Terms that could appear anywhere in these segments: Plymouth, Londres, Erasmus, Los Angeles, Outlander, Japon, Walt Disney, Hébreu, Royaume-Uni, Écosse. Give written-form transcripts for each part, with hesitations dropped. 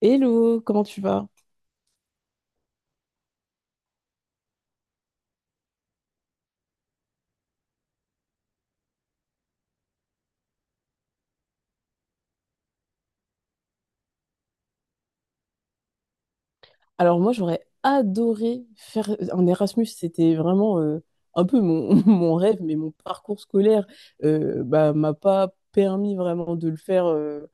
Hello, comment tu vas? Alors moi j'aurais adoré faire un Erasmus, c'était vraiment un peu mon, mon rêve, mais mon parcours scolaire m'a pas permis vraiment de le faire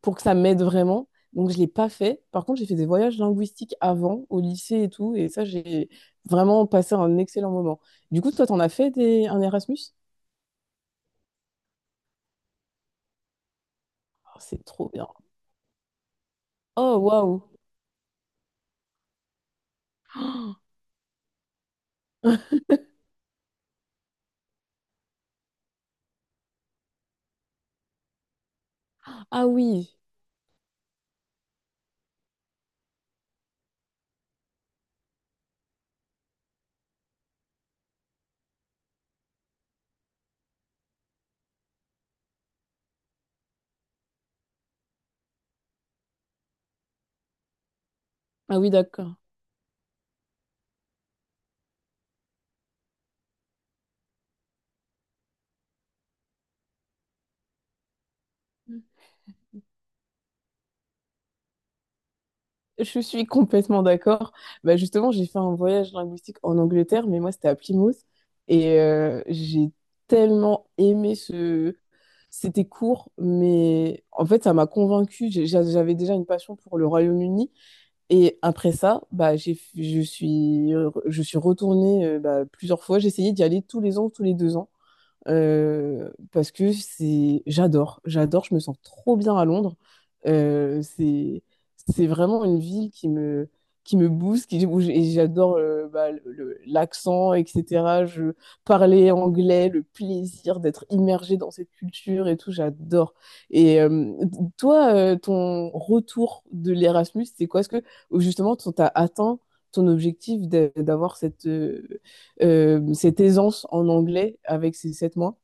pour que ça m'aide vraiment. Donc je l'ai pas fait. Par contre j'ai fait des voyages linguistiques avant, au lycée et tout, et ça j'ai vraiment passé un excellent moment. Du coup toi t'en as fait des, un Erasmus? Oh, c'est trop bien. Oh waouh! Ah oui, ah oui d'accord. Je suis complètement d'accord. Bah justement, j'ai fait un voyage linguistique en Angleterre, mais moi, c'était à Plymouth. Et j'ai tellement aimé ce... C'était court, mais en fait, ça m'a convaincue. J'avais déjà une passion pour le Royaume-Uni. Et après ça, je suis retournée plusieurs fois. J'ai essayé d'y aller tous les ans, tous les deux ans parce que j'adore, j'adore, je me sens trop bien à Londres. Euh, c'est, c'est vraiment une ville qui me booste, où j'adore l'accent, etc. Je parlais anglais, le plaisir d'être immergée dans cette culture et tout, j'adore. Et toi, ton retour de l'Erasmus, c'est quoi? Est-ce que justement, tu as atteint ton objectif d'avoir cette, cette aisance en anglais avec ces 7 mois.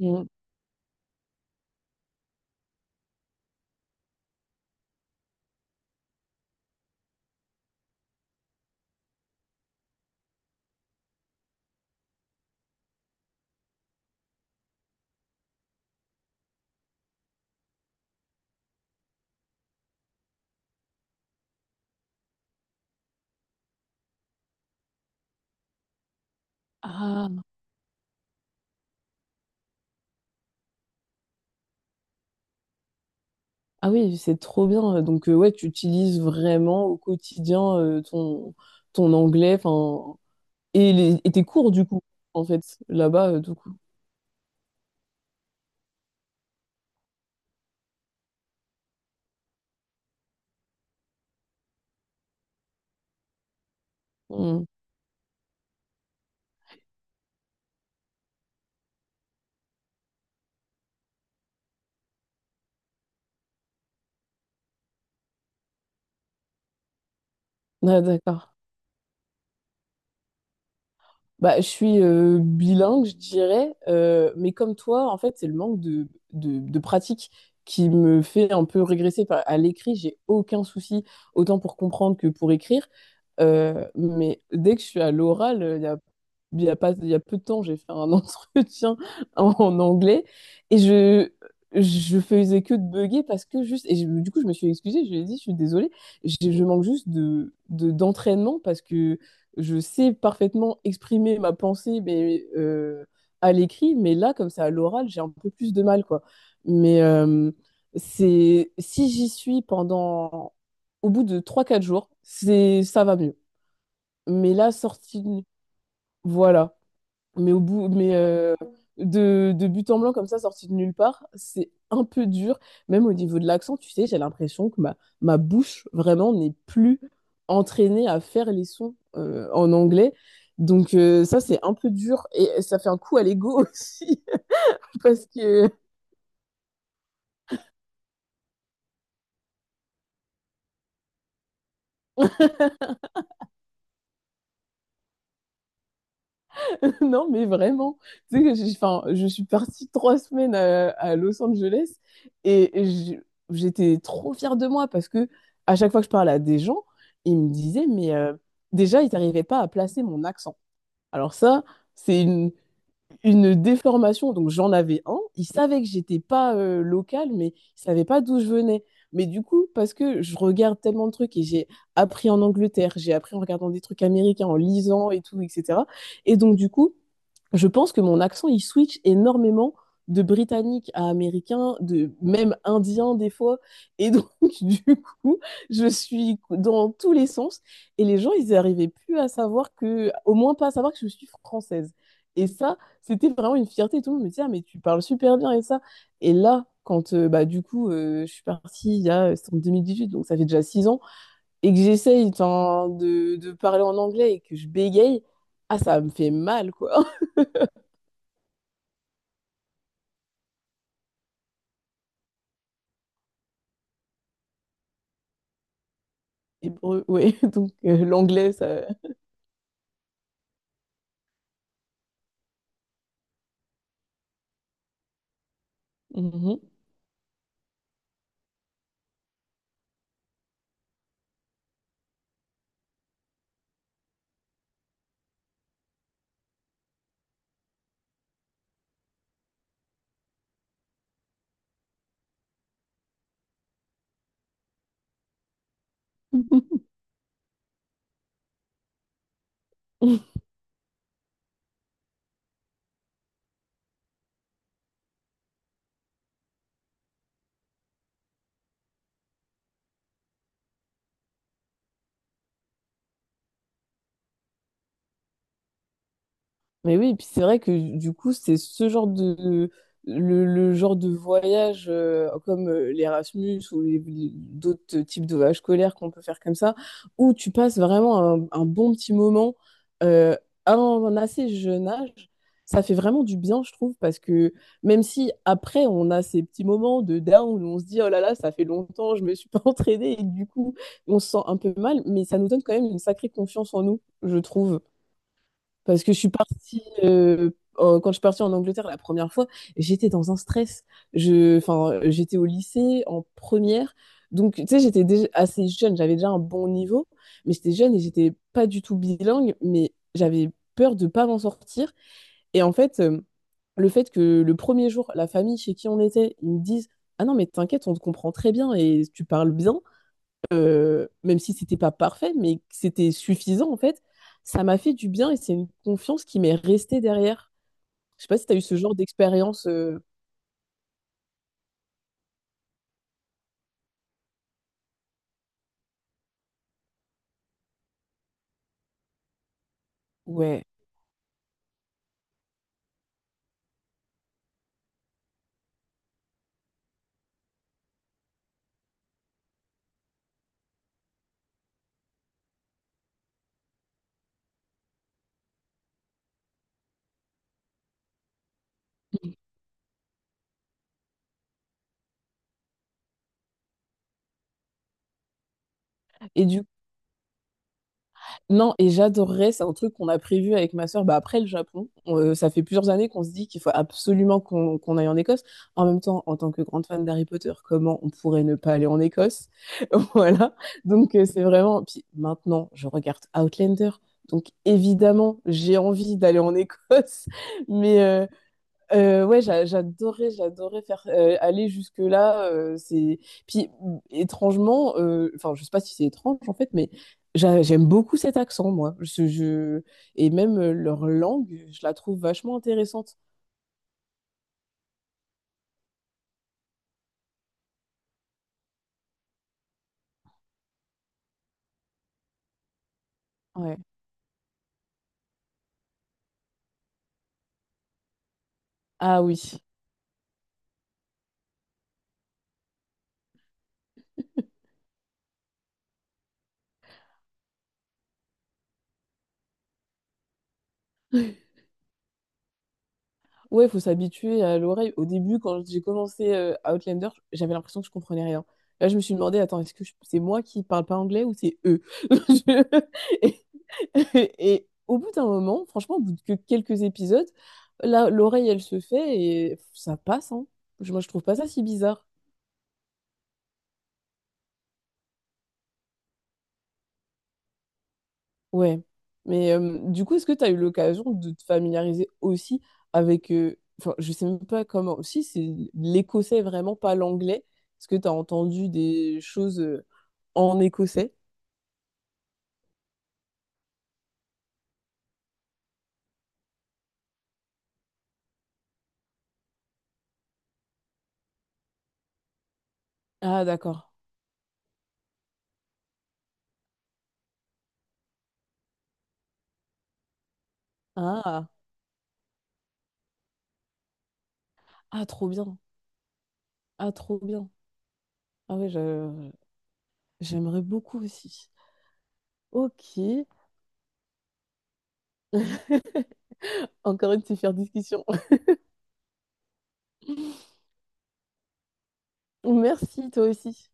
Mm. Ah, ah oui, c'est trop bien. Donc, ouais, tu utilises vraiment au quotidien ton anglais, enfin, et tes cours, du coup, en fait, là-bas, du coup. Mm. Ah, d'accord. Bah, je suis bilingue, je dirais, mais comme toi, en fait, c'est le manque de pratique qui me fait un peu régresser à l'écrit. J'ai aucun souci, autant pour comprendre que pour écrire. Mais dès que je suis à l'oral, il y a pas, il y a peu de temps, j'ai fait un entretien en anglais et je faisais que de bugger parce que juste, du coup, je me suis excusée, je lui ai dit, je suis désolée, je manque juste d'entraînement parce que je sais parfaitement exprimer ma pensée mais, à l'écrit, mais là, comme ça, à l'oral, j'ai un peu plus de mal, quoi. Mais c'est si j'y suis pendant, au bout de trois quatre jours, c'est ça va mieux. Mais là, sortie, voilà. Mais de but en blanc comme ça, sorti de nulle part, c'est un peu dur. Même au niveau de l'accent, tu sais, j'ai l'impression que ma bouche vraiment n'est plus entraînée à faire les sons en anglais. Donc c'est un peu dur et ça fait un coup à l'ego aussi parce que non, mais vraiment. Tu sais que enfin, je suis partie 3 semaines à Los Angeles et j'étais trop fière de moi parce que à chaque fois que je parlais à des gens, ils me disaient, mais déjà, ils n'arrivaient pas à placer mon accent. Alors ça, c'est une déformation. Donc j'en avais un. Il savait que j'étais pas locale, mais il savait pas d'où je venais. Mais du coup, parce que je regarde tellement de trucs et j'ai appris en Angleterre, j'ai appris en regardant des trucs américains, en lisant et tout, etc. Et donc du coup, je pense que mon accent, il switch énormément de britannique à américain, de même indien des fois. Et donc, du coup, je suis dans tous les sens. Et les gens, ils n'arrivaient plus à savoir que, au moins pas à savoir que je suis française. Et ça, c'était vraiment une fierté, tout le monde me disait, ah, mais tu parles super bien et ça. Et là, quand je suis partie il y a, c'était en 2018, donc ça fait déjà 6 ans, et que j'essaye enfin, de parler en anglais et que je bégaye, ah, ça me fait mal, quoi. Hébreu, ouais, donc l'anglais, ça. Mhm. Mais oui, et puis c'est vrai que du coup, c'est ce le genre de voyage comme l'Erasmus ou d'autres types de voyages scolaires qu'on peut faire comme ça, où tu passes vraiment un bon petit moment euh, à un assez jeune âge. Ça fait vraiment du bien, je trouve, parce que même si après on a ces petits moments de down où on se dit oh là là, ça fait longtemps, je me suis pas entraînée et du coup on se sent un peu mal, mais ça nous donne quand même une sacrée confiance en nous, je trouve. Parce que je suis partie, quand je suis partie en Angleterre la première fois, j'étais dans un stress. Je, enfin, j'étais au lycée en première. Donc, tu sais, j'étais déjà assez jeune, j'avais déjà un bon niveau, mais j'étais jeune et j'étais pas du tout bilingue, mais j'avais peur de pas m'en sortir. Et en fait, le fait que le premier jour, la famille chez qui on était, ils me disent, ah non, mais t'inquiète, on te comprend très bien et tu parles bien même si c'était pas parfait, mais c'était suffisant en fait, ça m'a fait du bien et c'est une confiance qui m'est restée derrière. Je sais pas si tu as eu ce genre d'expérience. Euh, ouais. Et du Non, et j'adorerais, c'est un truc qu'on a prévu avec ma sœur, bah après le Japon. Ça fait plusieurs années qu'on se dit qu'il faut absolument qu'on aille en Écosse. En même temps, en tant que grande fan d'Harry Potter, comment on pourrait ne pas aller en Écosse? Voilà. Donc c'est vraiment. Puis maintenant, je regarde Outlander. Donc évidemment, j'ai envie d'aller en Écosse. Mais, ouais, j'adorais, j'adorais faire aller jusque-là. Étrangement, enfin, je sais pas si c'est étrange en fait, mais j'aime beaucoup cet accent, moi. Et même leur langue, je la trouve vachement intéressante. Ouais. Ah oui. Ouais, faut s'habituer à l'oreille. Au début, quand j'ai commencé Outlander, j'avais l'impression que je comprenais rien. Là, je me suis demandé, attends, c'est moi qui parle pas anglais ou c'est eux? Je- et au bout d'un moment, franchement, au bout de quelques épisodes, là, l'oreille, elle se fait et ça passe, hein. Moi, je trouve pas ça si bizarre. Ouais, mais du coup, est-ce que tu as eu l'occasion de te familiariser aussi avec, enfin, je sais même pas comment, aussi c'est l'écossais vraiment, pas l'anglais. Est-ce que tu as entendu des choses en écossais? Ah, d'accord. Ah, ah, trop bien. Ah, trop bien. Ah ouais, j'aimerais beaucoup aussi. Ok, encore une super discussion. Merci, toi aussi.